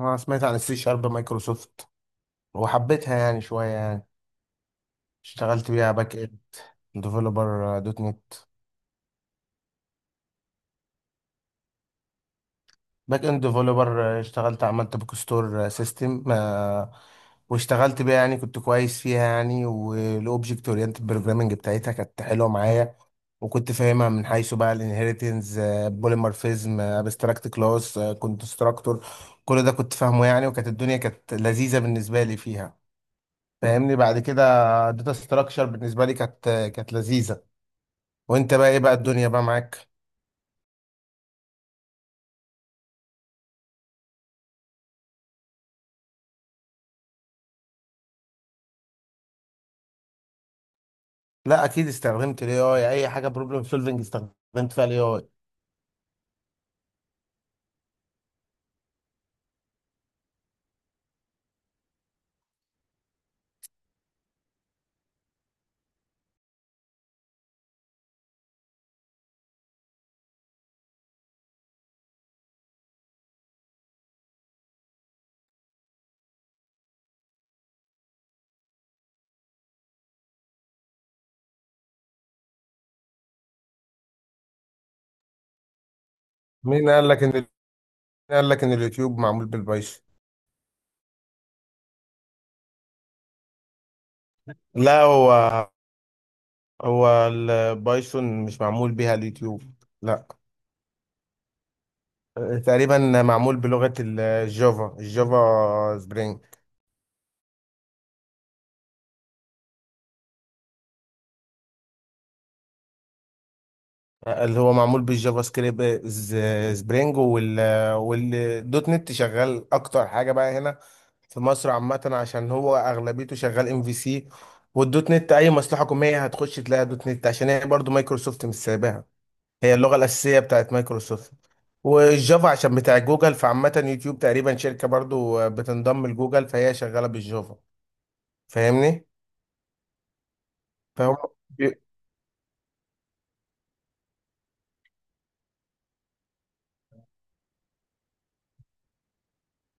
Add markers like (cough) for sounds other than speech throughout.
انا سمعت عن السي شارب مايكروسوفت وحبيتها يعني شويه. اشتغلت بيها باك اند ديفلوبر دوت نت. باك اند ديفلوبر، اشتغلت عملت بوك ستور سيستم، واشتغلت بيها يعني كنت كويس فيها يعني. والاوبجكت اورينتد بروجرامنج بتاعتها كانت حلوه معايا، وكنت فاهمها من حيث بقى الانهيرتنس، بوليمورفيزم، ابستراكت كلاس، كونستراكتور. كل ده كنت فاهمه يعني، وكانت الدنيا كانت لذيذه بالنسبه لي فيها. فاهمني؟ بعد كده، الداتا ستراكشر بالنسبه لي كانت لذيذه. وانت بقى ايه بقى الدنيا بقى معاك؟ لا اكيد استخدمت الاي اي، اي حاجه بروبلم سولفنج استخدمت فيها الاي اي. مين قال لك ان اليوتيوب معمول بالبايثون؟ لا، هو البايثون مش معمول بيها اليوتيوب. لا، تقريبا معمول بلغه الجافا، الجافا سبرينج. اللي هو معمول بالجافا سكريبت، سبرينج والدوت نت شغال اكتر حاجه بقى هنا في مصر عامه، عشان هو اغلبيته شغال ام في سي. والدوت نت اي مصلحه حكوميه هتخش تلاقي دوت نت، عشان هي برضو مايكروسوفت مش سايباها، هي اللغه الاساسيه بتاعت مايكروسوفت. والجافا عشان بتاع جوجل، فعامه يوتيوب تقريبا شركه برضو بتنضم لجوجل، فهي شغاله بالجافا. فاهمني؟ فهم. بي-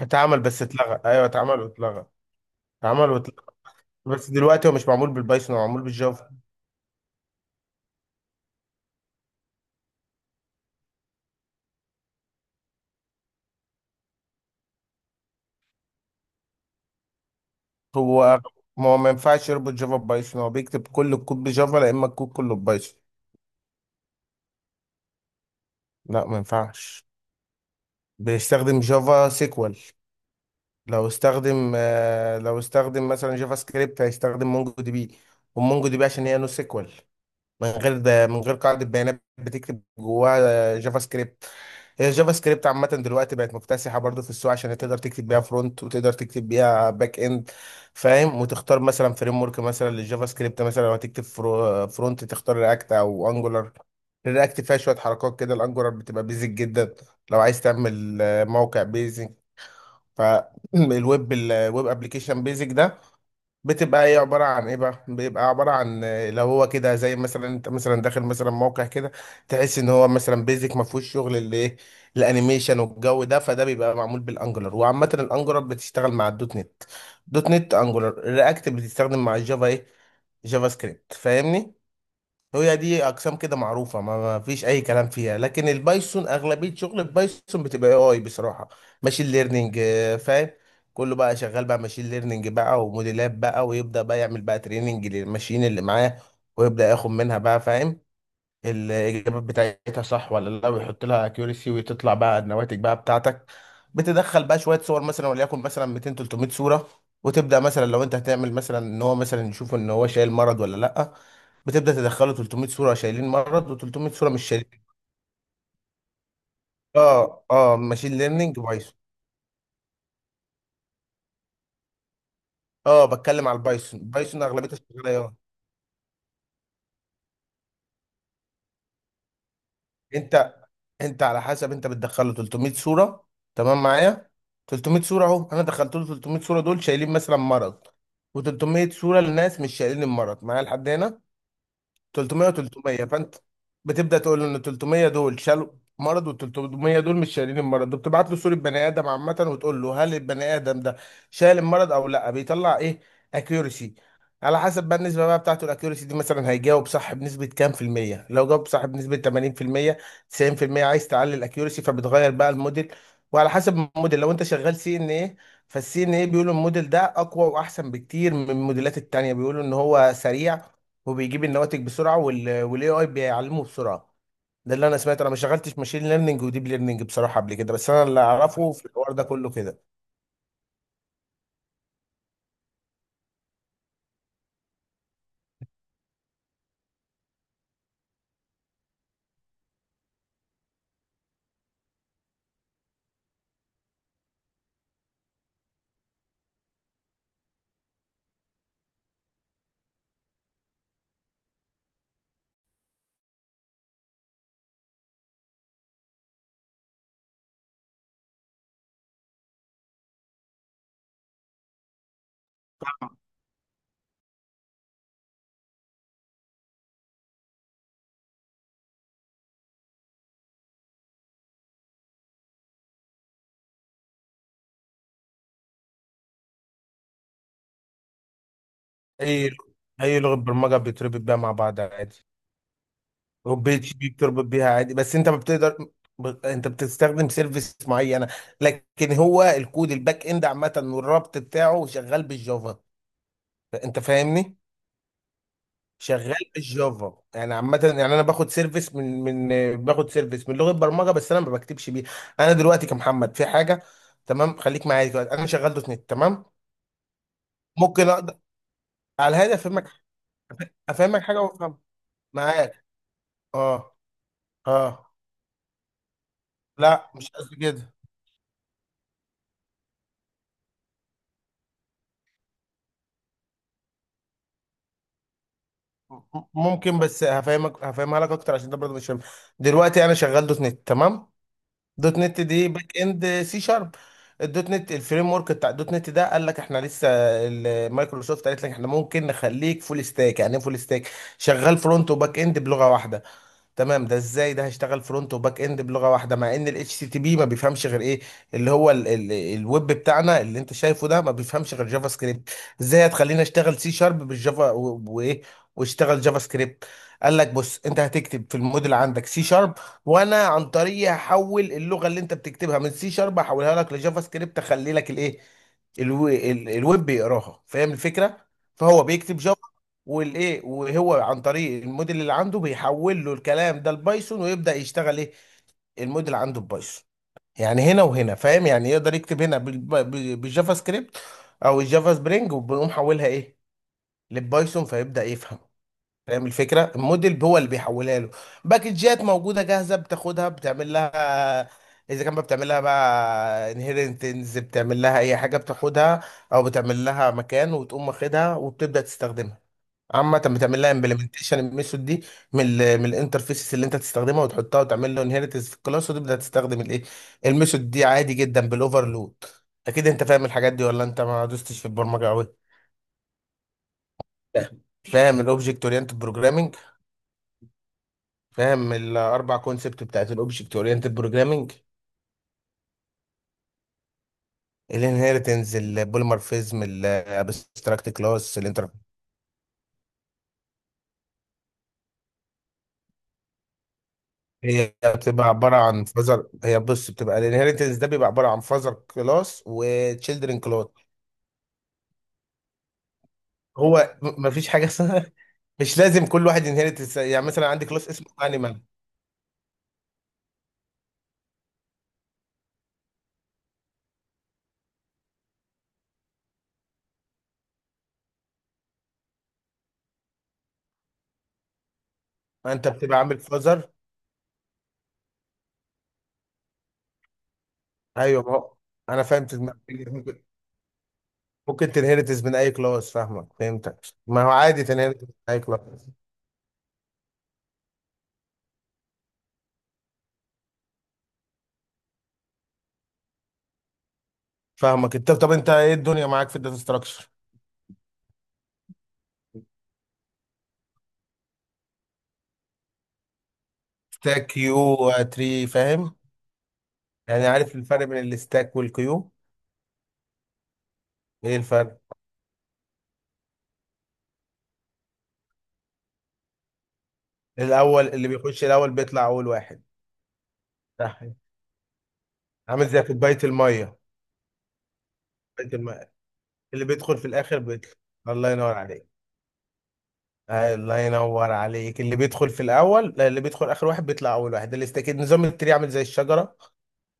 اتعمل بس اتلغى، ايوه اتعمل واتلغى. اتعمل واتلغى، بس دلوقتي هو مش معمول بالبايثون، هو معمول بالجافا. هو هو ما ينفعش يربط جافا ببايثون. هو بيكتب كل الكود بجافا، لا اما الكود كله ببايثون. لا ما ينفعش. بيستخدم جافا سيكوال. لو استخدم مثلا جافا سكريبت هيستخدم مونجو دي بي. ومونجو دي بي عشان هي نو سيكوال، من غير قاعدة بيانات بتكتب جواها جافا سكريبت. هي الجافا سكريبت عامة دلوقتي بقت مكتسحة برضو في السوق، عشان تقدر تكتب بيها فرونت، وتقدر تكتب بيها باك اند. فاهم؟ وتختار مثلا فريم ورك مثلا للجافا سكريبت، مثلا لو هتكتب فرونت تختار رياكت او انجولار. الرياكت فيها شوية حركات كده، الانجولار بتبقى بيزك جدا. لو عايز تعمل موقع بيزك، الويب ابلكيشن بيزك (laughs) ده بتبقى ايه؟ عبارة عن ايه بقى؟ بيبقى عبارة عن، آه، لو هو كده زي مثلا انت مثلا داخل مثلا موقع كده، تحس ان هو مثلا بيزك ما فيهوش شغل اللي ايه، الانيميشن والجو ده، فده بيبقى معمول بالانجلر. وعامة الانجلر بتشتغل مع الدوت نت، دوت نت انجلر. الرياكت بتستخدم مع الجافا ايه، جافا سكريبت. فاهمني؟ هي دي اقسام كده معروفه، ما فيش اي كلام فيها. لكن البايثون، اغلبيه شغل البايثون بتبقى اي اي بصراحه. ماشين ليرنينج. فاهم؟ كله بقى شغال بقى ماشين ليرنينج بقى، وموديلات بقى، ويبدا بقى يعمل بقى تريننج للماشين اللي معاه. ويبدا ياخد منها بقى، فاهم؟ الاجابات بتاعتها صح ولا لا، ويحط لها اكيورسي، وتطلع بقى النواتج بقى بتاعتك. بتدخل بقى شويه صور مثلا، وليكن مثلا 200 300 صوره. وتبدا مثلا، لو انت هتعمل مثلا ان هو مثلا يشوف ان هو شايل مرض ولا لا، بتبدا تدخله 300 صوره شايلين مرض، و300 صوره مش شايلين. اه اه، ماشين ليرنينج بايثون. اه، بتكلم على البايثون. بايثون اغلبيتها شغاله ايه؟ انت انت على حسب انت بتدخله 300 صوره. تمام معايا؟ 300 صوره اهو، انا دخلت له 300 صوره دول شايلين مثلا مرض، و300 صوره لناس مش شايلين المرض. معايا لحد هنا؟ 300 و300، فانت بتبدا تقول له ان 300 دول شالوا مرض، وال 300 دول مش شايلين المرض. بتبعت له صوره بني ادم عامه، وتقول له هل البني ادم ده شايل المرض او لا؟ بيطلع ايه؟ اكيورسي. على حسب بقى النسبه بقى بتاعته، الاكيورسي دي مثلا هيجاوب صح بنسبه كام في الميه. لو جاوب صح بنسبه 80% 90%، عايز تعلي الاكيورسي فبتغير بقى الموديل. وعلى حسب الموديل، لو انت شغال سي ان ايه، فالسي ان ايه بيقولوا الموديل ده اقوى واحسن بكتير من الموديلات التانية. بيقولوا ان هو سريع، وبيجيب النواتج بسرعه، والاي اي بيعلمه بسرعه. ده اللي انا سمعت، انا ما شغلتش ماشين ليرنينج وديب ليرنينج بصراحه قبل كده، بس انا اللي اعرفه في الحوار ده كله كده. اي اي لغه برمجه بتربط بيها مع بعض عادي. وبي اتش بي بتربط بيها عادي، بس انت ما بتقدر. انت بتستخدم سيرفيس معينه، لكن هو الكود الباك اند عامه والربط بتاعه شغال بالجافا. انت فاهمني؟ شغال بالجافا. يعني عامة يعني، أنا باخد سيرفيس من، باخد سيرفيس من لغة برمجة، بس أنا ما بكتبش بيه. أنا دلوقتي كمحمد في حاجة، تمام؟ خليك معايا. دلوقتي أنا شغال دوت نت، تمام؟ ممكن أقدر على الهادي أفهمك. أفهمك حاجة، وأفهم معاك. أه، أه. لا مش قصدي كده. ممكن، بس هفهمك، هفهمها لك أكتر، عشان ده برضه مش فاهم. دلوقتي أنا شغال دوت نت، تمام. دوت نت دي باك اند سي شارب. الدوت نت، الفريم ورك بتاع الدوت نت ده، قال لك احنا لسه، مايكروسوفت قالت لك احنا ممكن نخليك فول ستاك. يعني ايه فول ستاك؟ شغال فرونت وباك اند بلغه واحده. تمام؟ ده ازاي؟ ده هشتغل فرونت وباك اند بلغه واحده مع ان الاتش تي بي ما بيفهمش غير ايه، اللي هو ال الويب بتاعنا اللي انت شايفه ده، ما بيفهمش غير جافا سكريبت. ازاي هتخليني اشتغل سي شارب بالجافا وايه، واشتغل جافا سكريبت؟ قال لك بص، انت هتكتب في الموديل عندك سي شارب، وانا عن طريقي هحول اللغه اللي انت بتكتبها من سي شارب، هحولها لك لجافا سكريبت، اخلي لك الايه، الويب بيقراها. فاهم الفكره؟ فهو بيكتب، والايه، وهو عن طريق الموديل اللي عنده، بيحول له الكلام ده لبايثون، ويبدا يشتغل ايه، الموديل عنده ببايثون. يعني هنا وهنا فاهم؟ يعني يقدر يكتب هنا بالجافا سكريبت او الجافا سبرينج، وبنقوم حولها ايه، للبايثون، فيبدا يفهم. فاهم الفكره؟ الموديل هو اللي بيحولها له. باكجات موجوده جاهزه بتاخدها، بتعمل لها، اذا كان بقى بتعمل لها بقى انهيرنتنز، بتعمل لها اي حاجه، بتاخدها او بتعمل لها مكان وتقوم واخدها، وبتبدا تستخدمها. عامة بتعمل لها امبلمنتيشن الميثود دي من الانترفيسز اللي انت تستخدمها، وتحطها وتعمل له انهيرتنس في الكلاس، وتبدا تستخدم الايه، الميثود دي، عادي جدا بالاوفرلود. اكيد انت فاهم الحاجات دي ولا انت ما دوستش في البرمجه قوي؟ فاهم. فاهم الاوبجكت اورينتد بروجرامنج. فاهم الاربع كونسبت بتاعت الاوبجكت اورينتد بروجرامنج، الانهيرتنس، البوليمورفيزم، الابستراكت كلاس، الانتر. هي بص بتبقى الانهيرتنس ده بيبقى عباره عن فازر كلاس وتشيلدرن كلاس. هو مفيش حاجه اسمها (laughs) مش لازم كل واحد ينهرت. يعني مثلا عندي كلاس اسمه انيمال، انت بتبقى عامل فازر. ايوه ما هو. انا فاهم تدماغك. ممكن ممكن تنهرتس من اي كلاس. فاهمك، فهمتك، ما هو عادي تنهرتس من اي كلاس. فاهمك. انت طب انت ايه الدنيا معاك في الداتا ستراكشر؟ ستاك، كيو، تري، فاهم؟ يعني عارف الفرق بين الستاك والكيو؟ ايه الفرق؟ الاول اللي بيخش الاول بيطلع اول واحد. صح، عامل زي كوبايه الميه. كوبايه الميه، اللي بيدخل في الاخر بيطلع. الله ينور عليك. الله ينور عليك. اللي بيدخل في الاول لا اللي بيدخل اخر واحد بيطلع اول واحد. اللي استكيد، نظام التري عامل زي الشجره.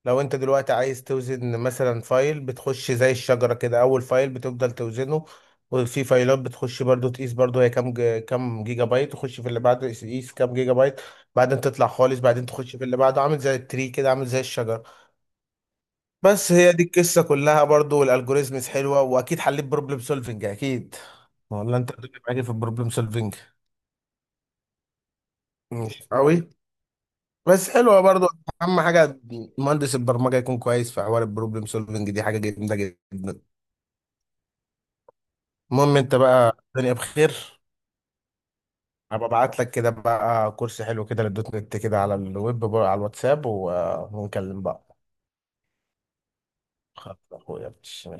لو انت دلوقتي عايز توزن مثلا فايل، بتخش زي الشجره كده، اول فايل بتفضل توزنه، وفي فايلات بتخش برضو تقيس برضو هي كام كام جيجا بايت، تخش في اللي بعده تقيس كام جيجا بايت، بعدين تطلع خالص، بعدين تخش في اللي بعده. عامل زي التري كده، عامل زي الشجره. بس هي دي القصه كلها برضو. والالجوريزمز حلوه، واكيد حليت بروبلم سولفنج، اكيد؟ ولا انت بتبقى معاكي في البروبلم سولفنج مش قوي؟ بس حلوه برضو. اهم حاجه مهندس البرمجه يكون كويس في حوار البروبلم سولفنج، دي حاجه جامده جدا. المهم انت بقى، الدنيا بخير؟ هبقى ابعت لك كده بقى كورس حلو كده للدوت نت كده على الويب بقى، على الواتساب، ونكلم بقى. خلاص يا اخويا. ماشي.